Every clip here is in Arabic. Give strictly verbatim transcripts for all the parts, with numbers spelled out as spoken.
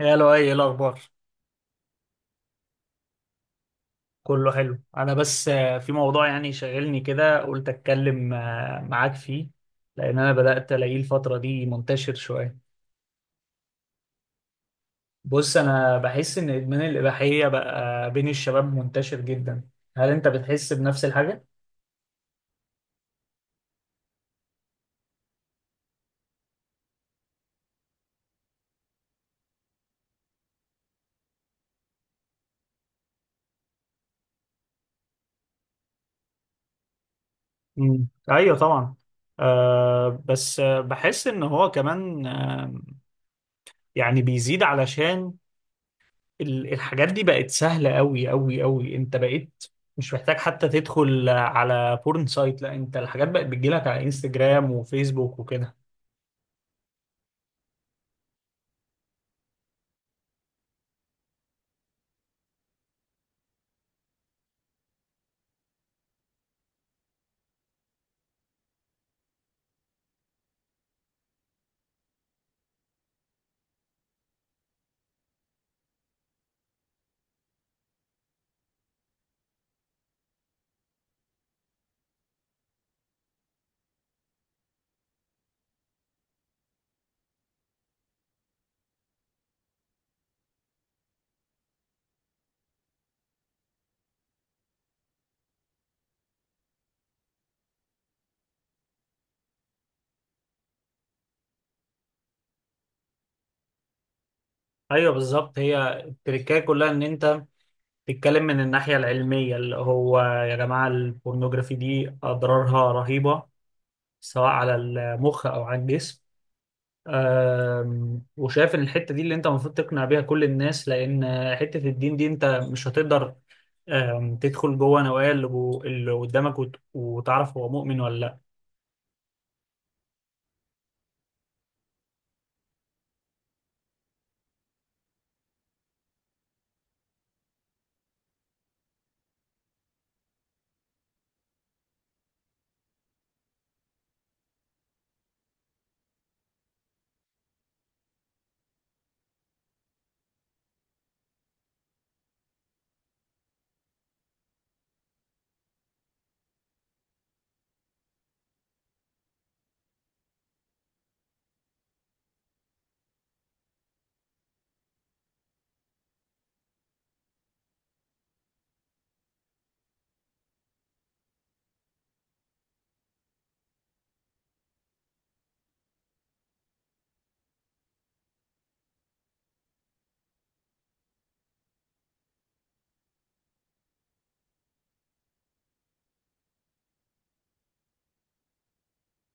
يا لؤي، ايه الاخبار؟ كله حلو. انا بس آه، في موضوع، يعني شاغلني كده، قلت اتكلم آه، معاك فيه، لان انا بدات الاقيه الفتره دي منتشر شويه. بص، انا بحس ان ادمان الاباحيه بقى بين الشباب منتشر جدا. هل انت بتحس بنفس الحاجه؟ امم ايوه، طبعا. أه بس آه، بحس ان هو كمان آه، يعني بيزيد، علشان ال- الحاجات دي بقت سهلة قوي قوي قوي. انت بقيت مش محتاج حتى تدخل على بورن سايت، لا انت الحاجات بقت بتجيلك على انستجرام وفيسبوك وكده. ايوه، بالظبط. هي التركية كلها ان انت تتكلم من الناحية العلمية، اللي هو يا جماعة البورنوجرافي دي اضرارها رهيبة، سواء على المخ او على الجسم. آم، وشايف ان الحته دي اللي انت المفروض تقنع بيها كل الناس، لان حته الدين دي انت مش هتقدر آم، تدخل جوه نوايا اللي جو- اللي قدامك وت- وتعرف هو مؤمن ولا لا.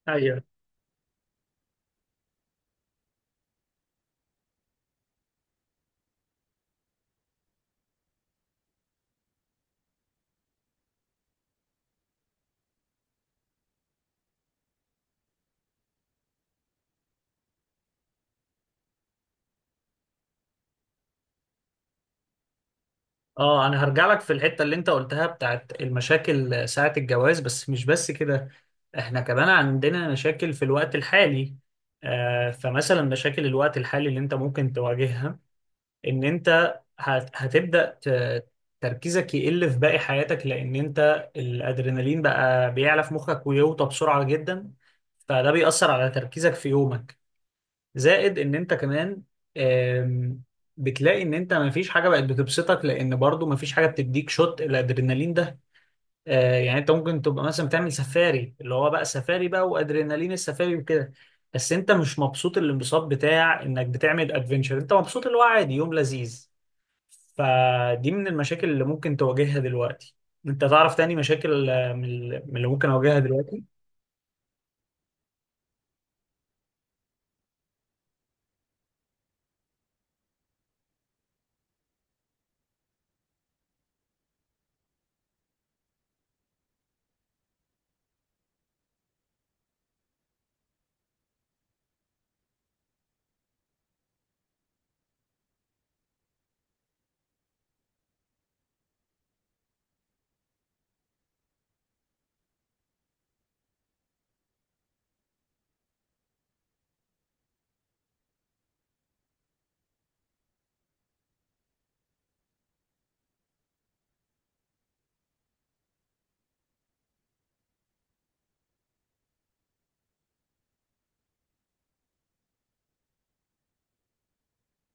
ايوه، اه، انا هرجع لك في الحته اللي انت قلتها بتاعت المشاكل ساعه الجواز، بس مش بس كده، احنا كمان عندنا مشاكل في الوقت الحالي. آه، فمثلا، مشاكل الوقت الحالي اللي انت ممكن تواجهها، ان انت هت- هتبدأ ت- تركيزك يقل في باقي حياتك، لان انت الادرينالين بقى بيعلى في مخك ويوطى بسرعة جدا، فده بيأثر على تركيزك في يومك. زائد ان انت كمان آم، بتلاقي ان انت مفيش حاجة بقت بتبسطك، لان برضو مفيش حاجة بتديك شوت الادرينالين ده. آه، يعني انت ممكن تبقى مثلا بتعمل سفاري، اللي هو بقى سفاري بقى وادرينالين السفاري وكده، بس انت مش مبسوط الانبساط بتاع انك بتعمل ادفنتشر، انت مبسوط اللي هو عادي يوم لذيذ. فدي من المشاكل اللي ممكن تواجهها دلوقتي. انت تعرف تاني مشاكل آه، من ال- من اللي ممكن اواجهها دلوقتي؟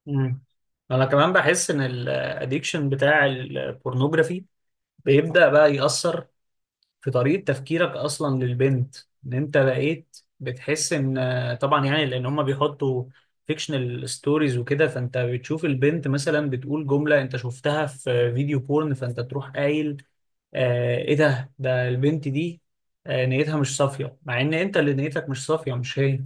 مم. انا كمان بحس ان الاديكشن بتاع البورنوجرافي بيبدأ بقى يأثر في طريقة تفكيرك اصلا للبنت، ان انت بقيت بتحس ان آه، طبعا يعني لان هم بيحطوا فيكشنال ستوريز وكده، فانت بتشوف البنت مثلا بتقول جملة انت شفتها في فيديو بورن، فانت تروح قايل آه ايه ده، ده البنت دي آه نيتها مش صافية، مع ان انت اللي نيتك مش صافية، مش هي.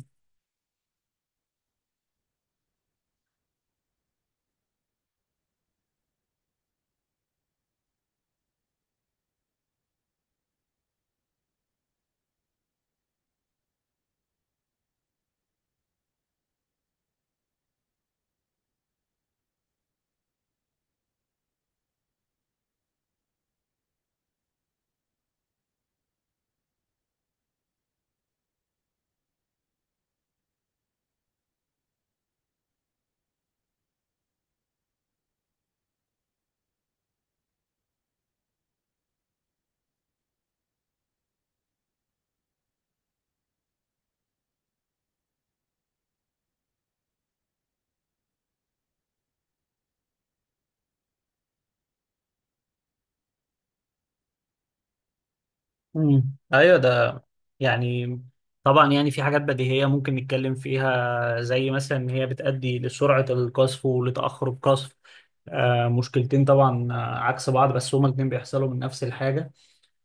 امم ايوه، ده يعني، طبعا يعني في حاجات بديهية ممكن نتكلم فيها، زي مثلا ان هي بتؤدي لسرعة القذف ولتأخر القذف. آه مشكلتين طبعا، آه، عكس بعض، بس هما الاتنين بيحصلوا من نفس الحاجة.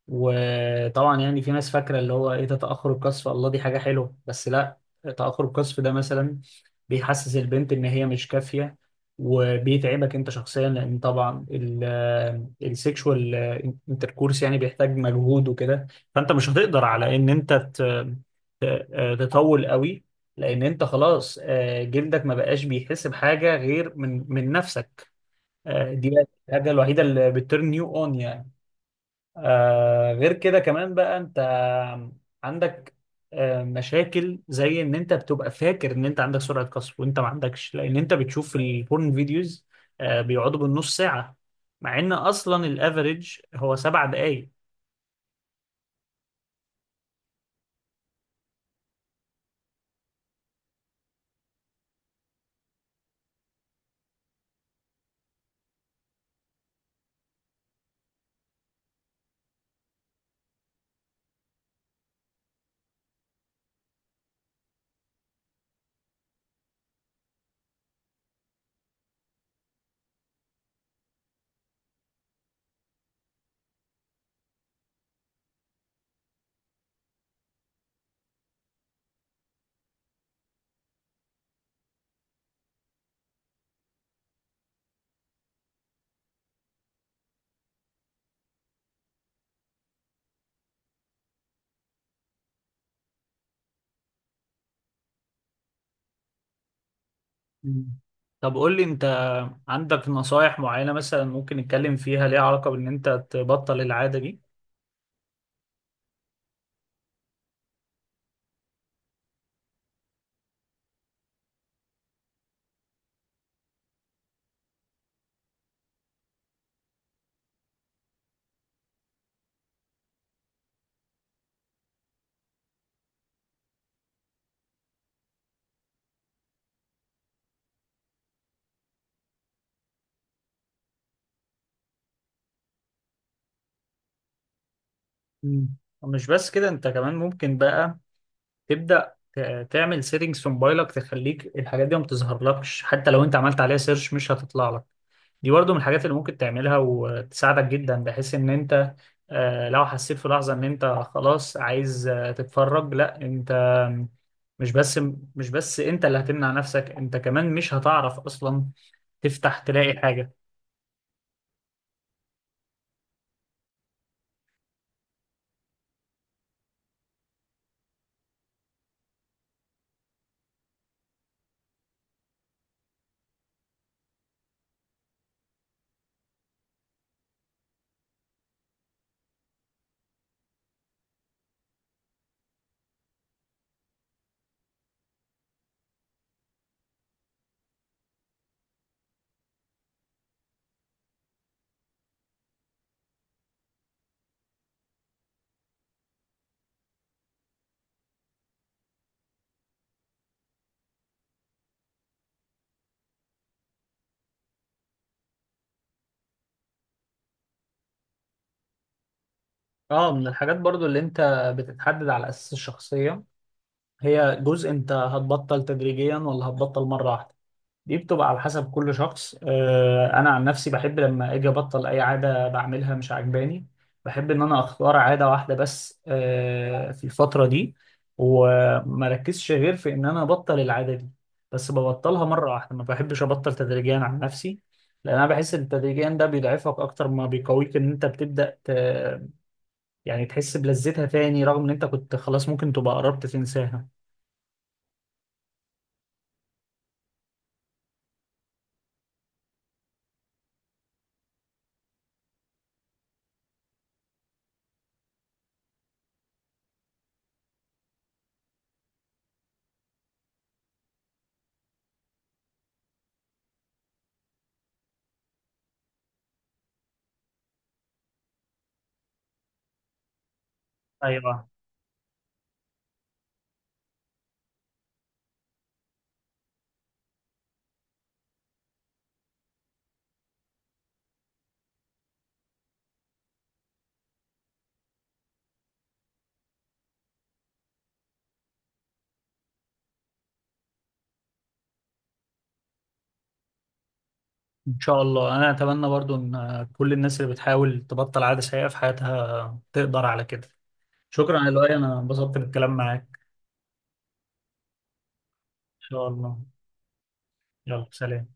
وطبعا يعني في ناس فاكره اللي هو ايه ده، تاخر القذف، الله دي حاجه حلوه، بس لا. تاخر القذف ده مثلا بيحسس البنت ان هي مش كافيه، وبيتعبك انت شخصيا، لان طبعا السيكشوال انتركورس يعني بيحتاج مجهود وكده. فانت مش هتقدر على ان انت ت- ت- تطول قوي، لان انت خلاص، آه، جلدك ما بقاش بيحس بحاجه غير من من نفسك. آه، دي بقى الحاجه الوحيده اللي بترن يو اون، يعني. آه غير كده كمان، بقى انت عندك آه مشاكل زي ان انت بتبقى فاكر ان انت عندك سرعة قصف، وانت ما عندكش، لان انت بتشوف في البورن فيديوز آه بيقعدوا بالنص ساعة، مع ان اصلا الافريج هو سبع دقايق. مم. طب قول لي، انت عندك نصايح معينة مثلا ممكن نتكلم فيها، ليها علاقة بان انت تبطل العادة دي؟ مم. ومش بس كده، انت كمان ممكن بقى تبدأ ت- تعمل سيتنجز في موبايلك تخليك الحاجات دي ما بتظهرلكش، حتى لو انت عملت عليها سيرش مش هتطلع لك. دي برضو من الحاجات اللي ممكن تعملها وتساعدك جدا، بحيث ان انت آه، لو حسيت في لحظة ان انت خلاص عايز آه، تتفرج، لا انت مش بس مش بس انت اللي هتمنع نفسك، انت كمان مش هتعرف اصلا تفتح تلاقي حاجة. اه، من الحاجات برضو اللي انت بتتحدد على اساس الشخصية، هي جزء انت هتبطل تدريجيا ولا هتبطل مرة واحدة؟ دي بتبقى على حسب كل شخص. آه، انا عن نفسي بحب لما اجي ابطل اي عاده بعملها مش عاجباني. بحب ان انا اختار عاده واحده بس آه، في الفتره دي، وما ركزش غير في ان انا ابطل العاده دي. بس ببطلها مره واحده، ما بحبش ابطل تدريجيا عن نفسي، لان انا بحس ان تدريجيا ده بيضعفك اكتر ما بيقويك، ان انت بتبدا ت... يعني تحس بلذتها تاني، رغم ان انت كنت خلاص ممكن تبقى قربت تنساها. ايوه، ان شاء الله، انا اتمنى برضو ان كل الناس اللي بتحاول تبطل عادة سيئة في حياتها تقدر على كده. شكرا يا لؤي، انا انبسطت بالكلام معاك. ان شاء الله، يلا سلام.